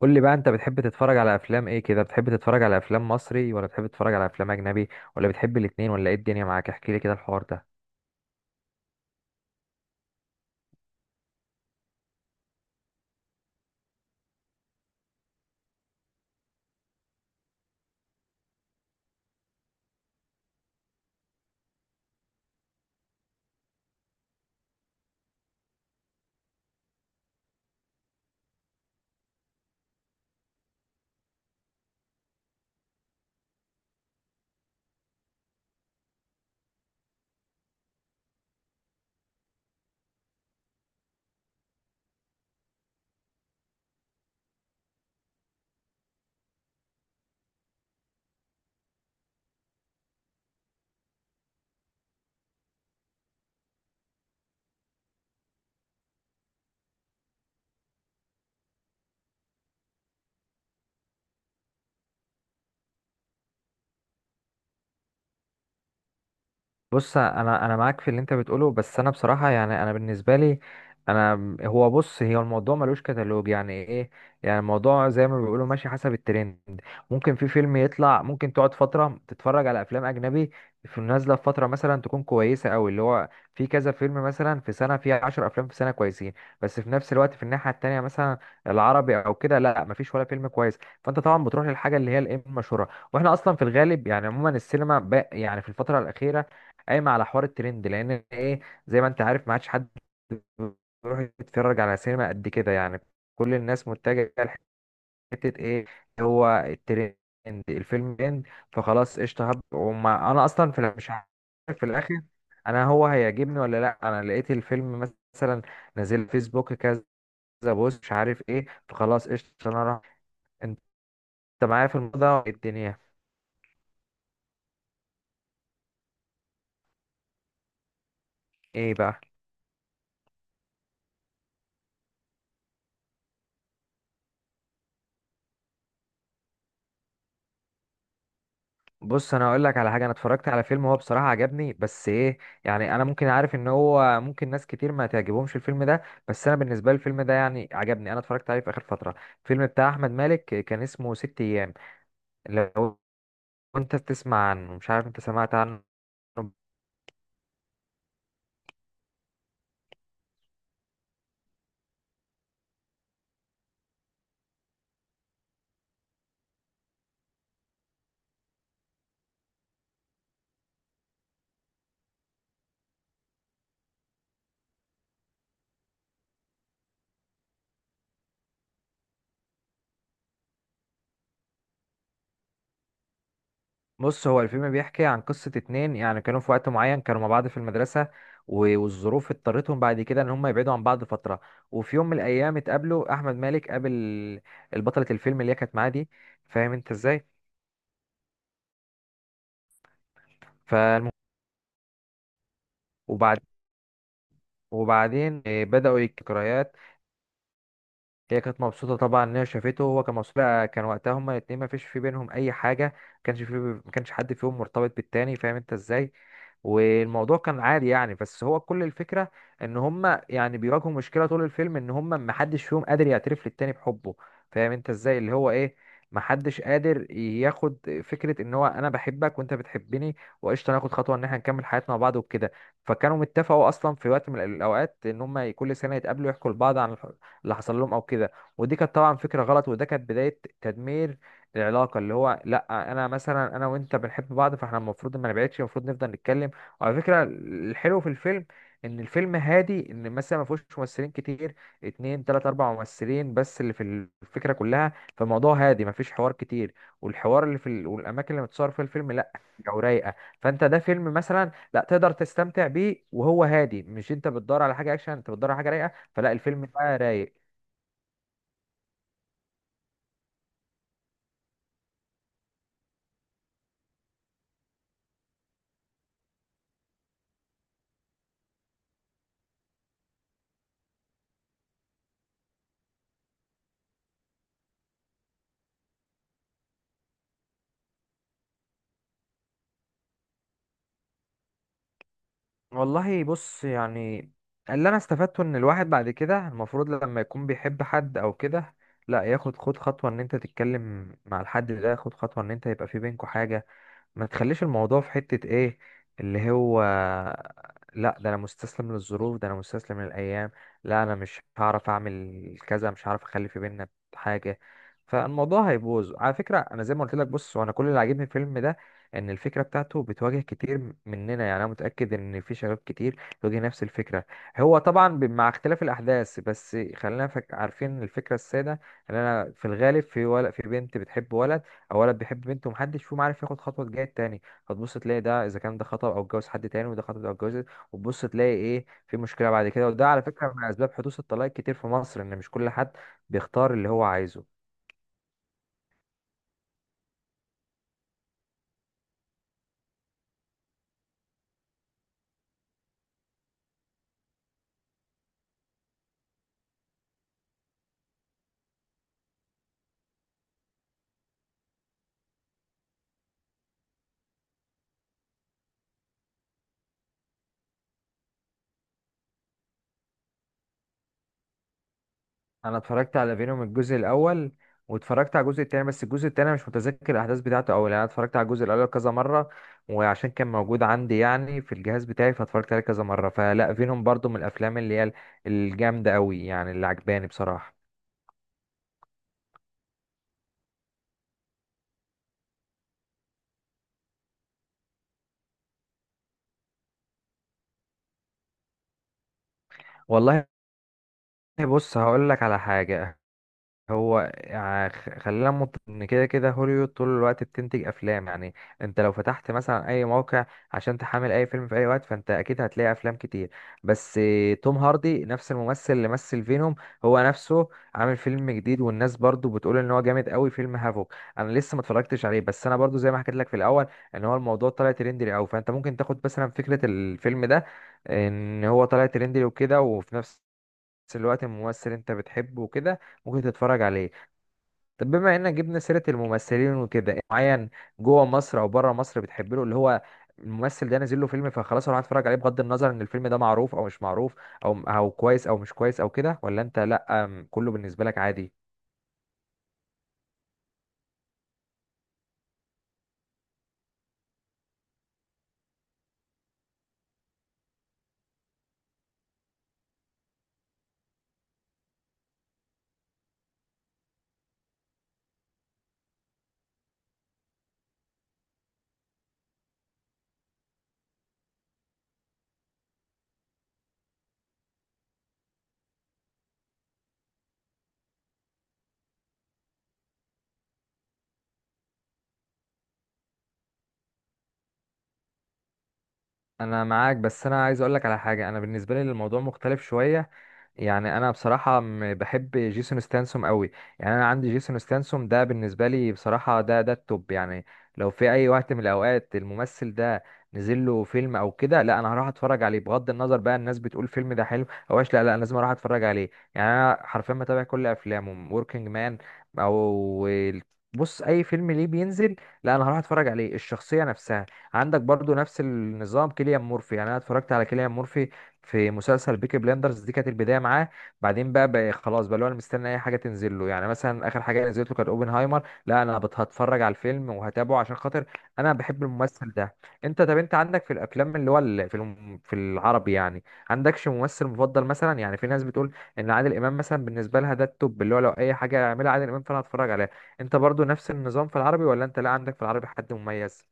قول لي بقى، انت بتحب تتفرج على افلام ايه كده؟ بتحب تتفرج على افلام مصري، ولا بتحب تتفرج على افلام اجنبي، ولا بتحب الاتنين، ولا ايه الدنيا معاك؟ احكي لي كده الحوار ده. بص، انا معاك في اللي انت بتقوله، بس انا بصراحه، يعني انا بالنسبه لي، انا هو بص، هي الموضوع ملوش كتالوج. يعني ايه؟ يعني الموضوع زي ما بيقولوا ماشي حسب الترند. ممكن في فيلم يطلع، ممكن تقعد فتره تتفرج على افلام اجنبي، في نازله في فتره مثلا تكون كويسه قوي، اللي هو في كذا فيلم، مثلا في سنه في 10 افلام في سنه كويسين. بس في نفس الوقت في الناحيه التانيه مثلا العربي او كده، لا، مفيش ولا فيلم كويس. فانت طبعا بتروح للحاجه اللي هي الايه المشهوره. واحنا اصلا في الغالب، يعني عموما، السينما يعني في الفتره الاخيره قايمه على حوار الترند، لان ايه؟ زي ما انت عارف، ما عادش حد بيروح يتفرج على سينما قد كده يعني. كل الناس متجهه لحته ايه؟ اللي هو الترند. الفيلم ترند فخلاص قشطه، هب، وما انا اصلا في مش عارف في الاخر انا هو هيعجبني ولا لا. انا لقيت الفيلم مثلا نازل، فيسبوك كذا بوست، مش عارف ايه، فخلاص قشطه انا راح. انت معايا في الموضوع؟ إيه الدنيا؟ ايه بقى؟ بص، انا هقول لك على حاجه، انا اتفرجت على فيلم هو بصراحه عجبني، بس ايه، يعني انا ممكن عارف ان هو ممكن ناس كتير ما تعجبهمش الفيلم ده، بس انا بالنسبه لي الفيلم ده يعني عجبني. انا اتفرجت عليه في اخر فتره. الفيلم بتاع احمد مالك، كان اسمه ست ايام. لو انت تسمع عنه، مش عارف انت سمعت عنه؟ بص، هو الفيلم بيحكي عن قصه اتنين، يعني كانوا في وقت معين كانوا مع بعض في المدرسه، والظروف اضطرتهم بعد كده ان هم يبعدوا عن بعض فتره. وفي يوم من الايام اتقابلوا، احمد مالك قابل البطله الفيلم اللي هي كانت معاه دي، فاهم انت ازاي؟ فالمهم، وبعد وبعدين بدأوا الذكريات. هي كانت مبسوطة طبعا إن هي شافته، وهو كان مبسوط بقى. كان وقتها هما الاتنين مفيش في بينهم أي حاجة، مكانش في مكانش حد فيهم مرتبط بالتاني، فاهم أنت إزاي؟ والموضوع كان عادي يعني، بس هو كل الفكرة إن هما يعني بيواجهوا مشكلة طول الفيلم، إن هما محدش فيهم قادر يعترف للتاني بحبه. فاهم أنت إزاي؟ اللي هو إيه، محدش قادر ياخد فكرة إن هو أنا بحبك وأنت بتحبني، وقشطة ناخد خطوة إن إحنا نكمل حياتنا مع بعض وكده. فكانوا متفقوا أصلا في وقت من الأوقات إن هما كل سنة يتقابلوا، يحكوا لبعض عن اللي حصل لهم او كده. ودي كانت طبعا فكره غلط، وده كانت بدايه تدمير العلاقه. اللي هو لا، انا مثلا انا وانت بنحب بعض، فاحنا المفروض ما نبعدش، المفروض نفضل نتكلم. وعلى فكره الحلو في الفيلم، ان الفيلم هادي، ان مثلا ما فيهوش ممثلين كتير، اتنين تلات اربع ممثلين بس اللي في الفكره كلها. فالموضوع هادي، ما فيش حوار كتير. والحوار اللي في والاماكن اللي متصور فيها الفيلم، لا، جو رايقه. فانت ده فيلم مثلا لا تقدر تستمتع بيه وهو هادي، مش انت بتدور على حاجه اكشن، انت بتدور على حاجه رايقه، فلا الفيلم بقى رايق. والله بص يعني، اللي انا استفدته ان الواحد بعد كده المفروض لما يكون بيحب حد او كده، لا، ياخد خطوة ان انت تتكلم مع الحد ده، خد خطوة ان انت يبقى في بينكوا حاجة. ما تخليش الموضوع في حتة ايه، اللي هو لا ده انا مستسلم للظروف، ده انا مستسلم للايام، لا انا مش هعرف اعمل كذا، مش هعرف اخلي في بينا حاجة، فالموضوع هيبوظ. على فكرة انا زي ما قلت لك، بص، وانا كل اللي عاجبني في الفيلم ده ان الفكرة بتاعته بتواجه كتير مننا. يعني انا متأكد ان في شباب كتير بيواجه نفس الفكرة، هو طبعا مع اختلاف الاحداث، بس خلينا عارفين الفكرة السادة، ان انا في الغالب في ولا في بنت بتحب ولد، او ولد بيحب بنت، ومحدش فيهم عارف ياخد خطوه تجاه التاني. فتبص تلاقي ده اذا كان ده خطب او اتجوز حد تاني، وده خطب او اتجوز، وتبص تلاقي ايه؟ في مشكله بعد كده. وده على فكره من اسباب حدوث الطلاق كتير في مصر، ان مش كل حد بيختار اللي هو عايزه. انا اتفرجت على فينوم الجزء الاول، واتفرجت على الجزء التاني، بس الجزء التاني مش متذكر الاحداث بتاعته قوي، لان انا اتفرجت على الجزء الاول كذا مره، وعشان كان موجود عندي يعني في الجهاز بتاعي فاتفرجت عليه كذا مره. فلا، فينوم برضو من الافلام اللي هي الجامده قوي يعني، اللي عجباني بصراحه. والله طيب، بص هقول لك على حاجة، هو خلينا ان كده كده هوليوود طول الوقت بتنتج افلام يعني. انت لو فتحت مثلا اي موقع عشان تحمل اي فيلم في اي وقت، فانت اكيد هتلاقي افلام كتير. بس توم هاردي، نفس الممثل اللي مثل فينوم، هو نفسه عامل فيلم جديد والناس برضو بتقول ان هو جامد قوي، فيلم هافوك. انا لسه ما اتفرجتش عليه، بس انا برضو زي ما حكيت لك في الاول، ان هو الموضوع طلع ترندي قوي، فانت ممكن تاخد مثلا فكرة الفيلم ده ان هو طلع ترندي وكده، وفي نفس الوقت ممثل انت بتحبه وكده، ممكن تتفرج عليه. طب بما انك جبنا سيرة الممثلين وكده، إيه معين جوه مصر او بره مصر بتحب له، اللي هو الممثل ده نازل له فيلم فخلاص اروح اتفرج عليه، بغض النظر ان الفيلم ده معروف او مش معروف، او كويس او مش كويس او كده، ولا انت لا، كله بالنسبة لك عادي؟ انا معاك، بس انا عايز اقول لك على حاجة، انا بالنسبة لي الموضوع مختلف شوية. يعني انا بصراحه بحب جيسون ستانسوم قوي. يعني انا عندي جيسون ستانسوم ده بالنسبه لي بصراحه ده التوب يعني. لو في اي وقت من الاوقات الممثل ده نزل له فيلم او كده، لا انا هروح اتفرج عليه، بغض النظر بقى الناس بتقول فيلم ده حلو او وحش، لا لا، أنا لازم اروح اتفرج عليه. يعني انا حرفيا بتابع كل افلامه، وركينج مان، او بص اي فيلم ليه بينزل لا انا هروح اتفرج عليه. الشخصيه نفسها عندك برضو نفس النظام، كيليان مورفي. يعني انا اتفرجت على كيليان مورفي في مسلسل بيكي بلاندرز، دي كانت البدايه معاه. بعدين بقى, خلاص بقى اللي هو انا مستني اي حاجه تنزل له. يعني مثلا اخر حاجه نزلت له كانت اوبنهايمر، لا انا هتفرج على الفيلم وهتابعه عشان خاطر انا بحب الممثل ده. انت طب انت عندك في الافلام اللي هو في في العربي يعني، عندكش ممثل مفضل مثلا؟ يعني في ناس بتقول ان عادل امام مثلا بالنسبه لها ده التوب، اللي هو لو اي حاجه يعملها عادل امام فانا هتفرج عليها. انت برضو نفس النظام في العربي، ولا انت لا عندك في العربي حد مميز؟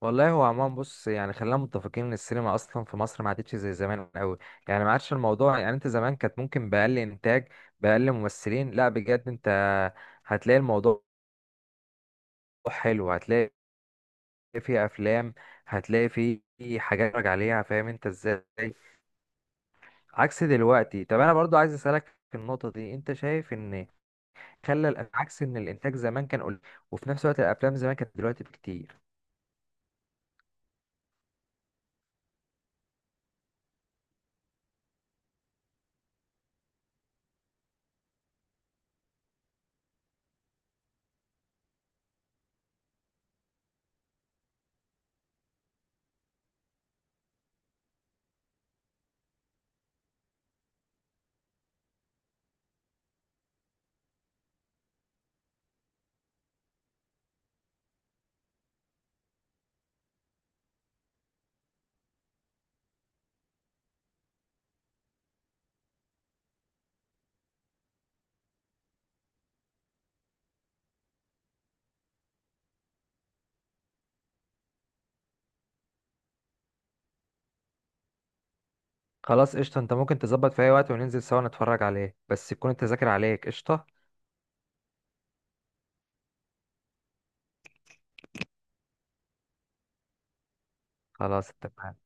والله هو عموما بص، يعني خلينا متفقين ان السينما اصلا في مصر ما عادتش زي زمان قوي. يعني ما عادش الموضوع، يعني انت زمان كانت ممكن باقل انتاج، باقل ممثلين، لا بجد انت هتلاقي الموضوع حلو، هتلاقي فيه افلام، هتلاقي فيه حاجات تتفرج عليها، فاهم انت ازاي؟ عكس دلوقتي. طب انا برضو عايز اسالك في النقطه دي، انت شايف ان خلى عكس ان الانتاج زمان كان قليل، وفي نفس الوقت الافلام زمان كانت دلوقتي بكتير. خلاص قشطة، انت ممكن تظبط في اي وقت وننزل سوا نتفرج عليه، بس تكون التذاكر عليك. قشطة، خلاص اتفقنا.